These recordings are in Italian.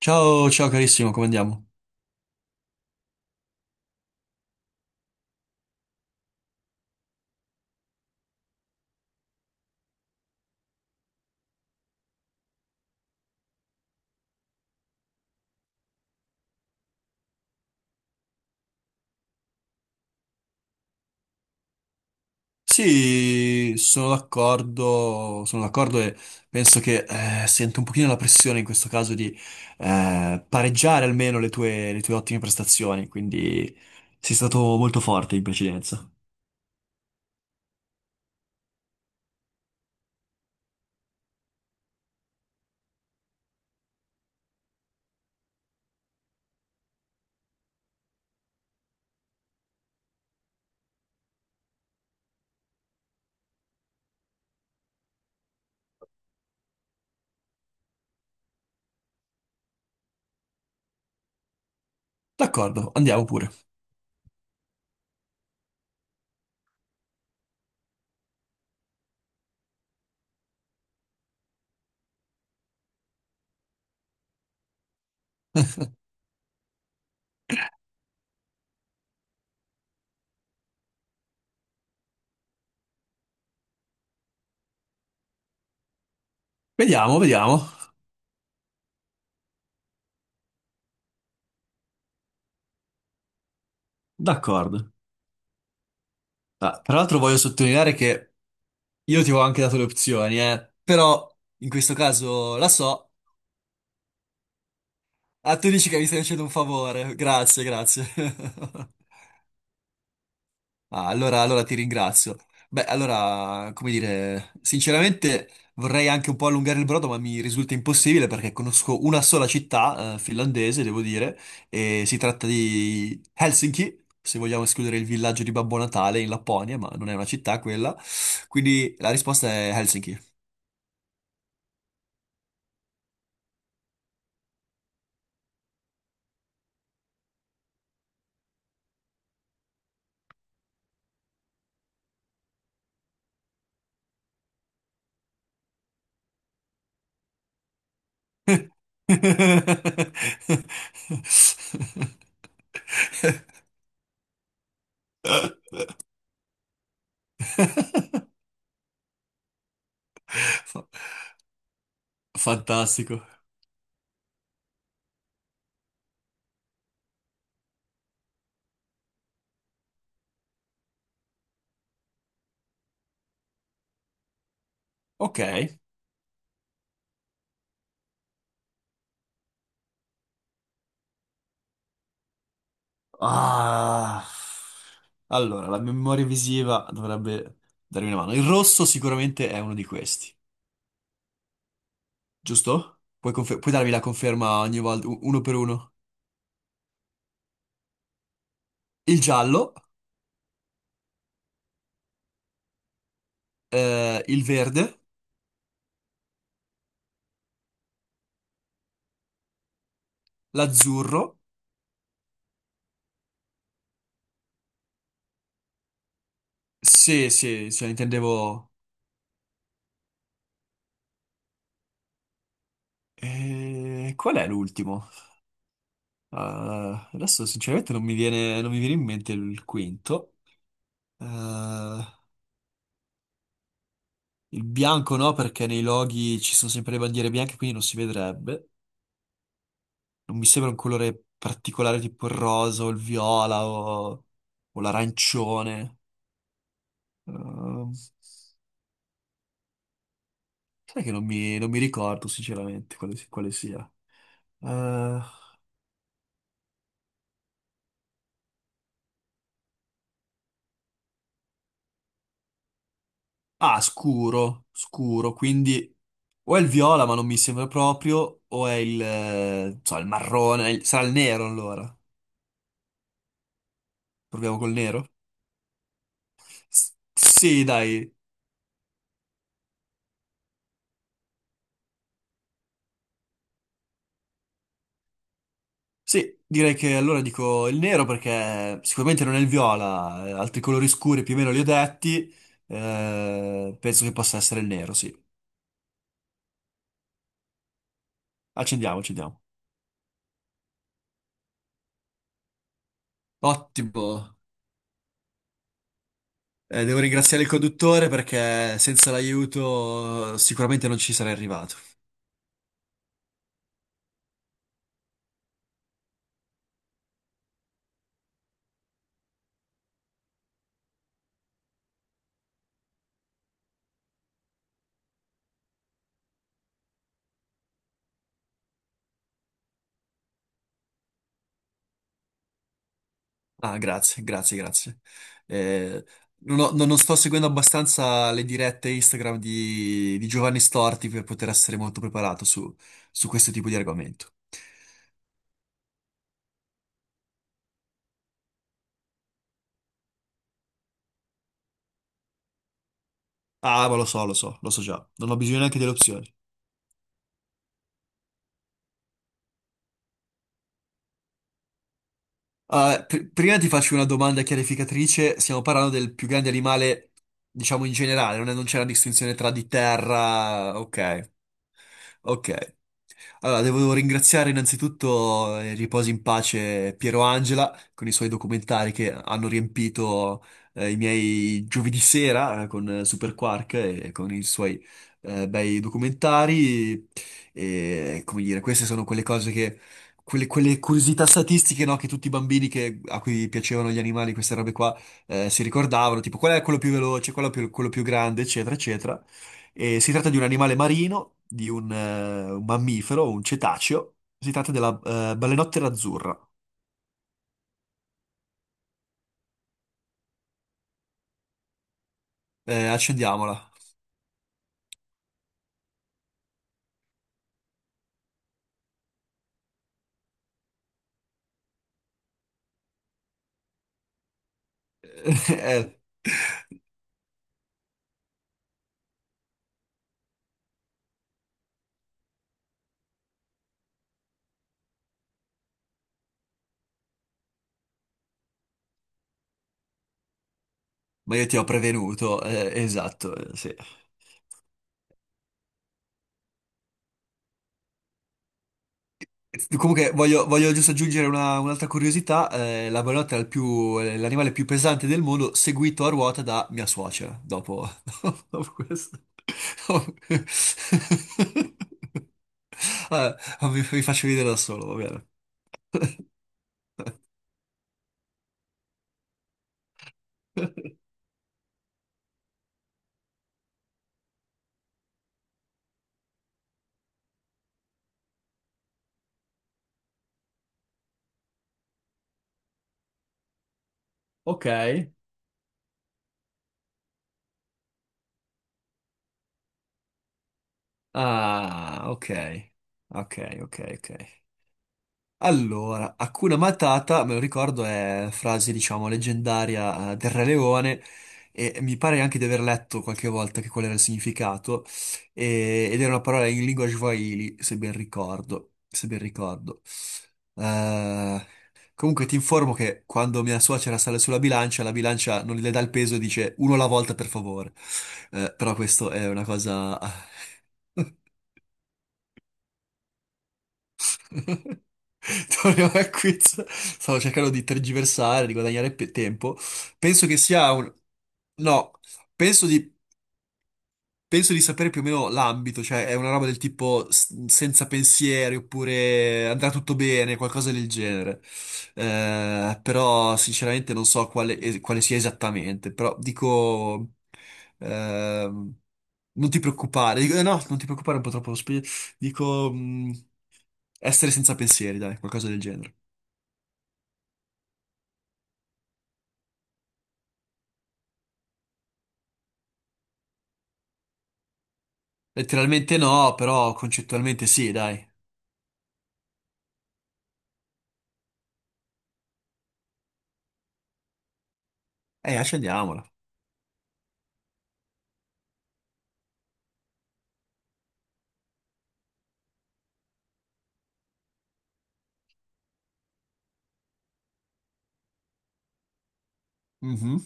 Ciao, ciao carissimo, come andiamo? Sì, sono d'accordo e penso che sento un pochino la pressione in questo caso di pareggiare almeno le tue ottime prestazioni, quindi sei stato molto forte in precedenza. D'accordo, andiamo pure. Vediamo, vediamo. D'accordo. Ah, tra l'altro voglio sottolineare che io ti avevo anche dato le opzioni, però in questo caso la so. Ah, tu dici che mi stai facendo un favore, grazie, grazie. Ah, allora, allora ti ringrazio. Beh, allora, come dire, sinceramente vorrei anche un po' allungare il brodo, ma mi risulta impossibile perché conosco una sola città, finlandese, devo dire, e si tratta di Helsinki, se vogliamo escludere il villaggio di Babbo Natale in Lapponia, ma non è una città quella. Quindi la risposta è Helsinki. Fa- Fantastico. Ok. Ah. Allora, la memoria visiva dovrebbe darmi una mano. Il rosso sicuramente è uno di questi, giusto? Puoi, puoi darmi la conferma ogni volta, uno per uno. Il giallo, il verde, l'azzurro. Sì, sì, cioè intendevo... qual è l'ultimo? Ah, adesso sinceramente non mi viene in mente il quinto. Eh, il bianco no, perché nei loghi ci sono sempre le bandiere bianche, quindi non si vedrebbe. Non mi sembra un colore particolare tipo il rosa o il viola o l'arancione. Ehm, sai che non mi ricordo sinceramente quale, quale sia. Eh, ah, scuro, scuro, quindi o è il viola ma non mi sembra proprio, o è il, non so, il marrone, sarà il nero allora. Proviamo col nero? Sì, dai, sì, direi che allora dico il nero perché sicuramente non è il viola, altri colori scuri più o meno li ho detti, penso che possa essere il nero, sì. Accendiamo, accendiamo. Ottimo. Devo ringraziare il conduttore perché senza l'aiuto sicuramente non ci sarei arrivato. Ah, grazie, grazie, grazie. Eh, non ho- non- non sto seguendo abbastanza le dirette Instagram di Giovanni Storti per poter essere molto preparato su, su questo tipo di argomento. Ah, ma lo so, lo so, lo so già. Non ho bisogno neanche delle opzioni. Ah, prima ti faccio una domanda chiarificatrice. Stiamo parlando del più grande animale, diciamo in generale, non c'è una distinzione tra di terra. Ok, ok. Allora, devo ringraziare innanzitutto, riposi in pace, Piero Angela con i suoi documentari che hanno riempito i miei giovedì sera con Super Quark e con i suoi bei documentari. E, come dire, queste sono quelle cose che, quelle, quelle curiosità statistiche, no, che tutti i bambini a cui piacevano gli animali, queste robe qua, si ricordavano, tipo qual è quello più veloce, quello più grande, eccetera, eccetera. E si tratta di un animale marino, di un mammifero, un cetaceo. Si tratta della balenottera azzurra. Accendiamola. Eh, ma io ti ho prevenuto, esatto, sì. Comunque voglio, voglio giusto aggiungere un'altra curiosità, la balenottera è è l'animale più pesante del mondo, seguito a ruota da mia suocera, dopo, dopo questo. Vabbè, mi faccio vedere da solo, va bene. Ok. Ah, ok. Ok, ok, ok. Allora, Hakuna Matata, me lo ricordo, è frase, diciamo, leggendaria del Re Leone e mi pare anche di aver letto qualche volta che qual era il significato ed era una parola in lingua swahili, se ben ricordo, se ben ricordo. Eh, Comunque ti informo che quando mia suocera sale sulla bilancia, la bilancia non le dà il peso e dice uno alla volta per favore. Però questo è una cosa... Torniamo al quiz. Stavo cercando di tergiversare, di guadagnare tempo. Penso che sia un... No, penso di penso di sapere più o meno l'ambito, cioè è una roba del tipo senza pensieri oppure andrà tutto bene, qualcosa del genere. Però sinceramente non so quale, quale sia esattamente, però dico... ehm, non ti preoccupare, dico, no, non ti preoccupare, è un po' troppo... dico... essere senza pensieri, dai, qualcosa del genere. Letteralmente no, però concettualmente sì, dai. Accendiamola. Mhm.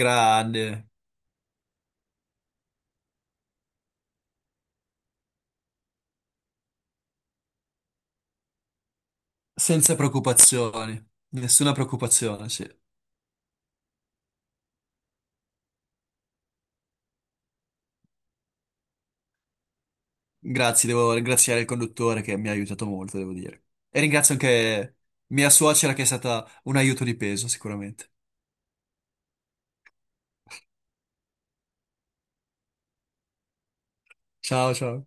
Grande. Senza preoccupazioni, nessuna preoccupazione, sì. Grazie, devo ringraziare il conduttore che mi ha aiutato molto, devo dire. E ringrazio anche mia suocera che è stata un aiuto di peso, sicuramente. Ciao, ciao.